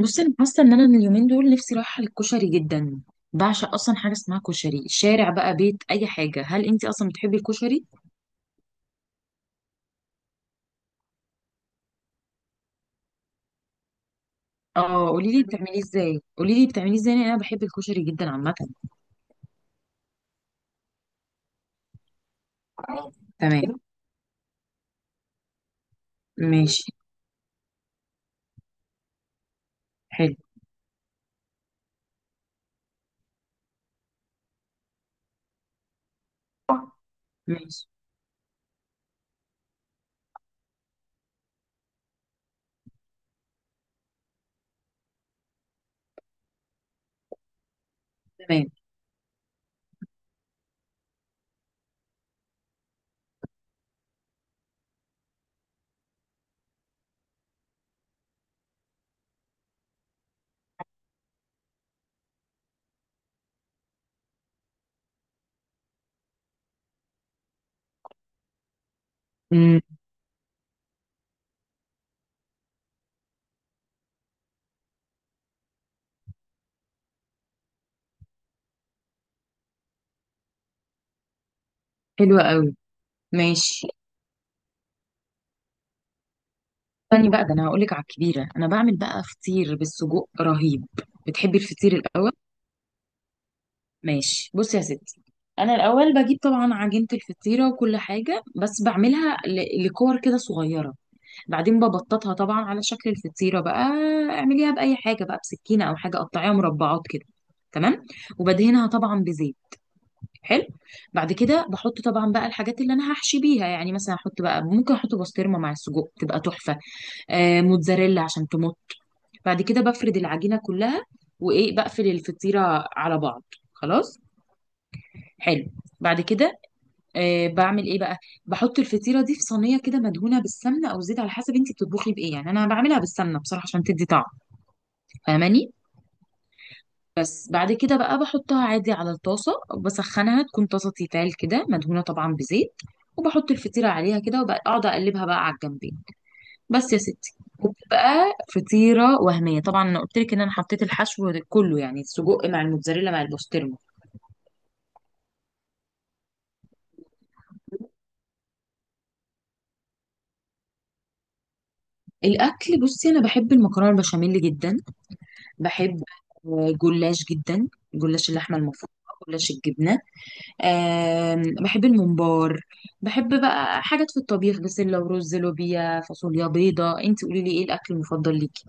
بصي، انا حاسه ان انا اليومين دول نفسي رايحه للكشري جدا. بعشق اصلا حاجه اسمها كشري، شارع بقى، بيت، اي حاجه. هل انت اصلا بتحبي الكشري؟ اه، قولي لي بتعمليه ازاي، قولي لي بتعمليه ازاي، لأن انا بحب الكشري جدا عامه. تمام. ماشي. حلو. ماشي. تمام. امم. حلو قوي. ماشي. استني بقى، ده انا هقول لك على الكبيره. انا بعمل بقى فطير بالسجق رهيب. بتحبي الفطير الاول؟ ماشي. بصي يا ستي، انا الاول بجيب طبعا عجينه الفطيره وكل حاجه، بس بعملها لكور كده صغيره. بعدين ببططها طبعا على شكل الفطيره بقى. اعمليها باي حاجه بقى، بسكينه او حاجه، قطعيها مربعات كده. تمام. وبدهنها طبعا بزيت. حلو. بعد كده بحط طبعا بقى الحاجات اللي انا هحشي بيها، يعني مثلا احط بقى، ممكن احط بسطرمه مع السجق تبقى تحفه. موتزاريلا عشان تمط. بعد كده بفرد العجينه كلها، وايه، بقفل الفطيره على بعض. خلاص. حلو. بعد كده بعمل ايه بقى؟ بحط الفطيره دي في صينيه كده مدهونه بالسمنه او زيت، على حسب انت بتطبخي بايه، يعني انا بعملها بالسمنه بصراحه عشان تدي طعم. فاهماني؟ بس بعد كده بقى بحطها عادي على الطاسه وبسخنها، تكون طاسه تيتال كده مدهونه طبعا بزيت. وبحط الفطيره عليها كده، وبقعد اقلبها بقى على الجنبين. بس يا ستي. وبتبقى فطيره وهميه طبعا. انا قلت لك ان انا حطيت الحشو كله، يعني السجق مع الموتزاريلا مع البسطرمه. الاكل، بصي، انا بحب المكرونه البشاميل جدا. بحب، جلاش جدا. جلاش اللحمه المفرومه، جلاش الجبنه. بحب الممبار. بحب بقى حاجات في الطبيخ، بسله ورز، لوبيا، فاصوليا بيضه. انت قولي لي ايه الاكل المفضل ليكي.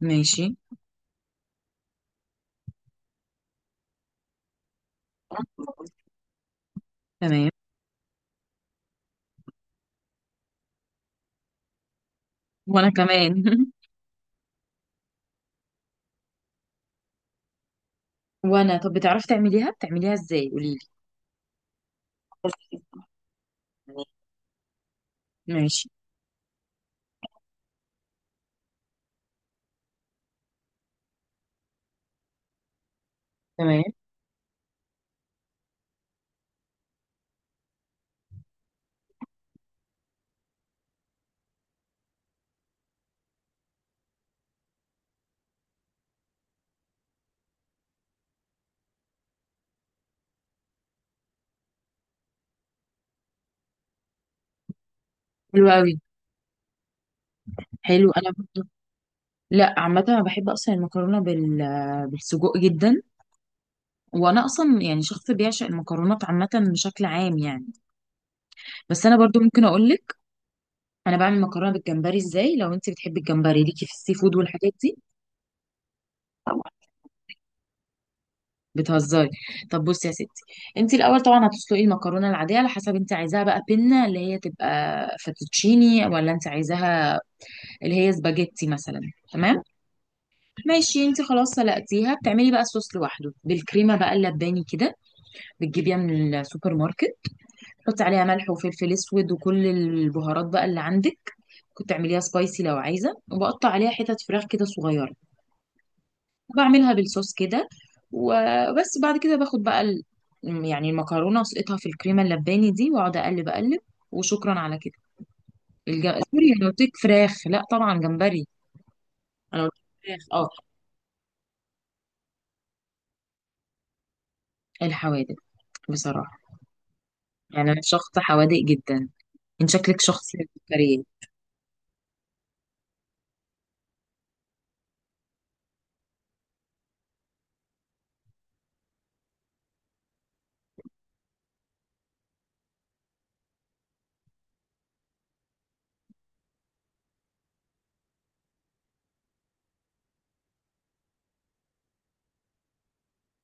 ماشي. تمام. وانا كمان وانا، طب بتعرفي تعمليها؟ بتعمليها ازاي، قولي لي. ماشي. تمام. حلو قوي. حلو. انا برضه، لا عامه انا بحب اصلا المكرونه بالسجق جدا. وانا اصلا يعني شخص بيعشق المكرونات عامه بشكل عام يعني. بس انا برضو ممكن اقول لك انا بعمل مكرونه بالجمبري ازاي، لو انت بتحبي الجمبري، ليكي في السي فود والحاجات دي. بتهزري؟ طب بصي يا ستي، انت الاول طبعا هتسلقي المكرونه العاديه، على حسب انت عايزاها بقى بينا اللي هي تبقى فاتوتشيني، ولا انت عايزاها اللي هي سباجيتي مثلا. تمام. ماشي، انت خلاص سلقتيها، بتعملي بقى الصوص لوحده بالكريمه بقى اللباني كده، بتجيبيها من السوبر ماركت. حطي عليها ملح وفلفل اسود وكل البهارات بقى اللي عندك. كنت تعمليها سبايسي لو عايزه. وبقطع عليها حتت فراخ كده صغيره، وبعملها بالصوص كده. وبس بعد كده باخد بقى يعني المكرونه، اسقطها في الكريمه اللباني دي، واقعد اقلب اقلب، وشكرا على كده. الج... سوري، انا قلت لك فراخ، لا طبعا جمبري. انا قلت لك فراخ، الحوادق بصراحه، يعني انا شخص حوادق جدا. انت شكلك شخص كريه.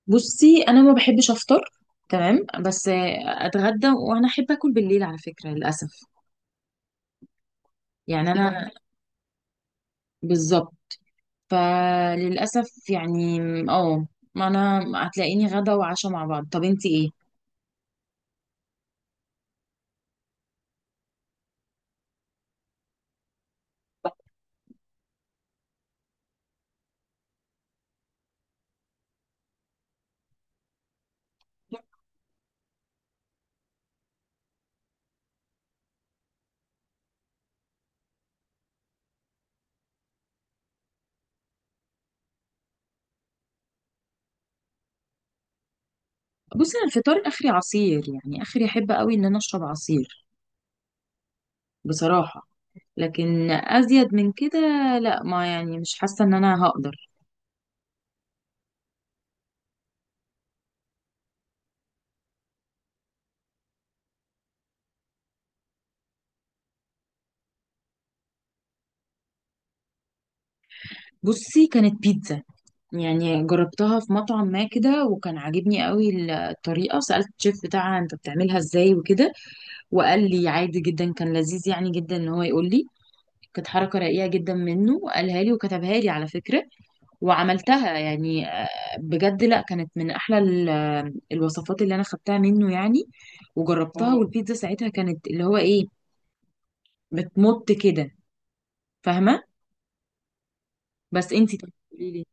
بصي انا ما بحبش افطر، تمام، بس اتغدى، وانا احب اكل بالليل على فكره للاسف. يعني انا بالظبط، فللاسف يعني. اه، ما انا هتلاقيني غدا وعشاء مع بعض. طب انتي ايه؟ بصي انا الفطار اخري عصير، يعني اخري احب قوي ان انا اشرب عصير بصراحه. لكن ازيد من كده، لا، ما يعني مش حاسه ان انا هقدر. بصي كانت بيتزا، يعني جربتها في مطعم ما كده، وكان عاجبني قوي الطريقة. سألت الشيف بتاعها انت بتعملها ازاي وكده. وقال لي عادي جدا، كان لذيذ يعني جدا ان هو يقول لي. كانت حركة رقيقة جدا منه، قالها لي وكتبها لي على فكرة. وعملتها يعني، بجد لا، كانت من احلى الوصفات اللي انا خدتها منه يعني. وجربتها. والبيتزا ساعتها كانت اللي هو ايه، بتمط كده. فاهمة؟ بس انتي، طب قولي لي.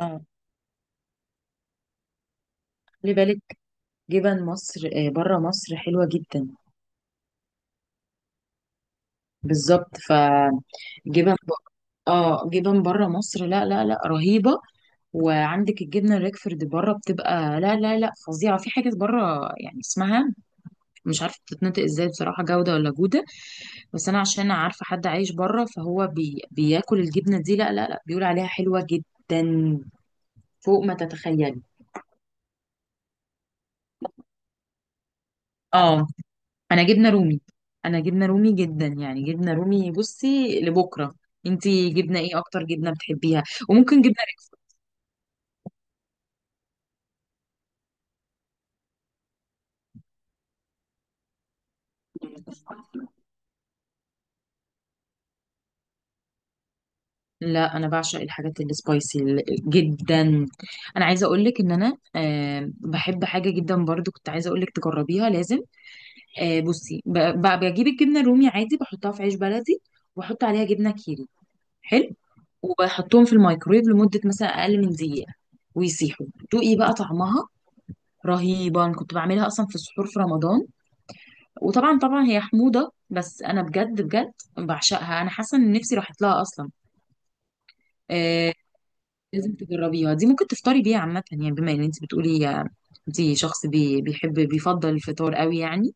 اه، خلي بالك، جبن مصر، بره مصر حلوة جدا. بالظبط، فجبن اه، جبن بره مصر، لا لا لا، رهيبه. وعندك الجبنه الريكفورد بره، بتبقى لا لا لا، فظيعه. في حاجه بره يعني اسمها مش عارفه بتتنطق ازاي بصراحه، جوده ولا جوده. بس انا عشان عارفه حد عايش بره فهو بياكل الجبنه دي، لا لا لا، بيقول عليها حلوه جدا، فوق ما تتخيلي. اه، انا جبنه رومي، انا جبنه رومي جدا، يعني جبنه رومي. بصي لبكره، انتي جبنه ايه اكتر جبنه بتحبيها؟ وممكن جبنه، لا انا بعشق الحاجات السبايسي جدا. انا عايزه اقول لك ان انا، بحب حاجه جدا برضو، كنت عايزه اقول لك تجربيها لازم. بصي، بجيب الجبنه الرومي عادي، بحطها في عيش بلدي، وبحط عليها جبنه كيري. حلو. وبحطهم في الميكرويف لمده مثلا اقل من دقيقه، ويسيحوا. دوقي بقى طعمها، رهيبه. انا كنت بعملها اصلا في السحور في رمضان. وطبعا طبعا هي حموضه، بس انا بجد بجد بعشقها. انا حاسه ان نفسي راحت لها اصلا. آه، لازم تجربيها دي، ممكن تفطري بيها عامة، يعني بما ان انت بتقولي انت شخص بيفضل الفطار قوي يعني.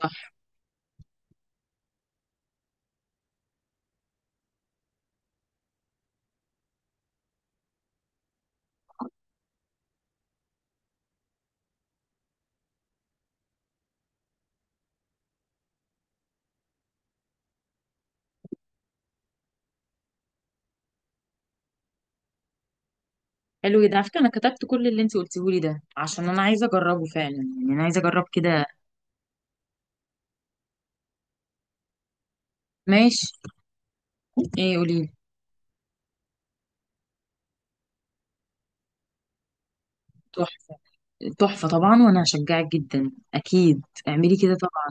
صح. حلو جدا على فكرة، انا كتبت كل اللي انت قلتيه لي ده، عشان انا عايزة اجربه فعلا، يعني انا عايزة اجرب كده. ماشي. ايه، قولي. تحفة. تحفة طبعا، وانا هشجعك جدا، اكيد اعملي كده طبعا.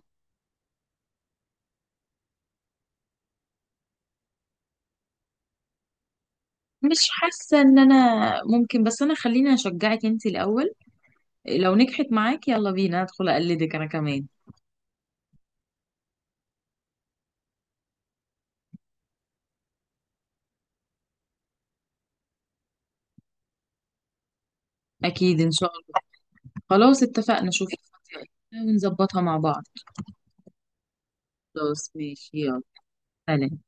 مش حاسة ان انا ممكن، بس انا خليني اشجعك انت الاول، لو نجحت معاك يلا بينا ادخل اقلدك انا كمان. اكيد ان شاء الله. خلاص اتفقنا، شوفي. ونظبطها مع بعض. خلاص ماشي يلا. سلام.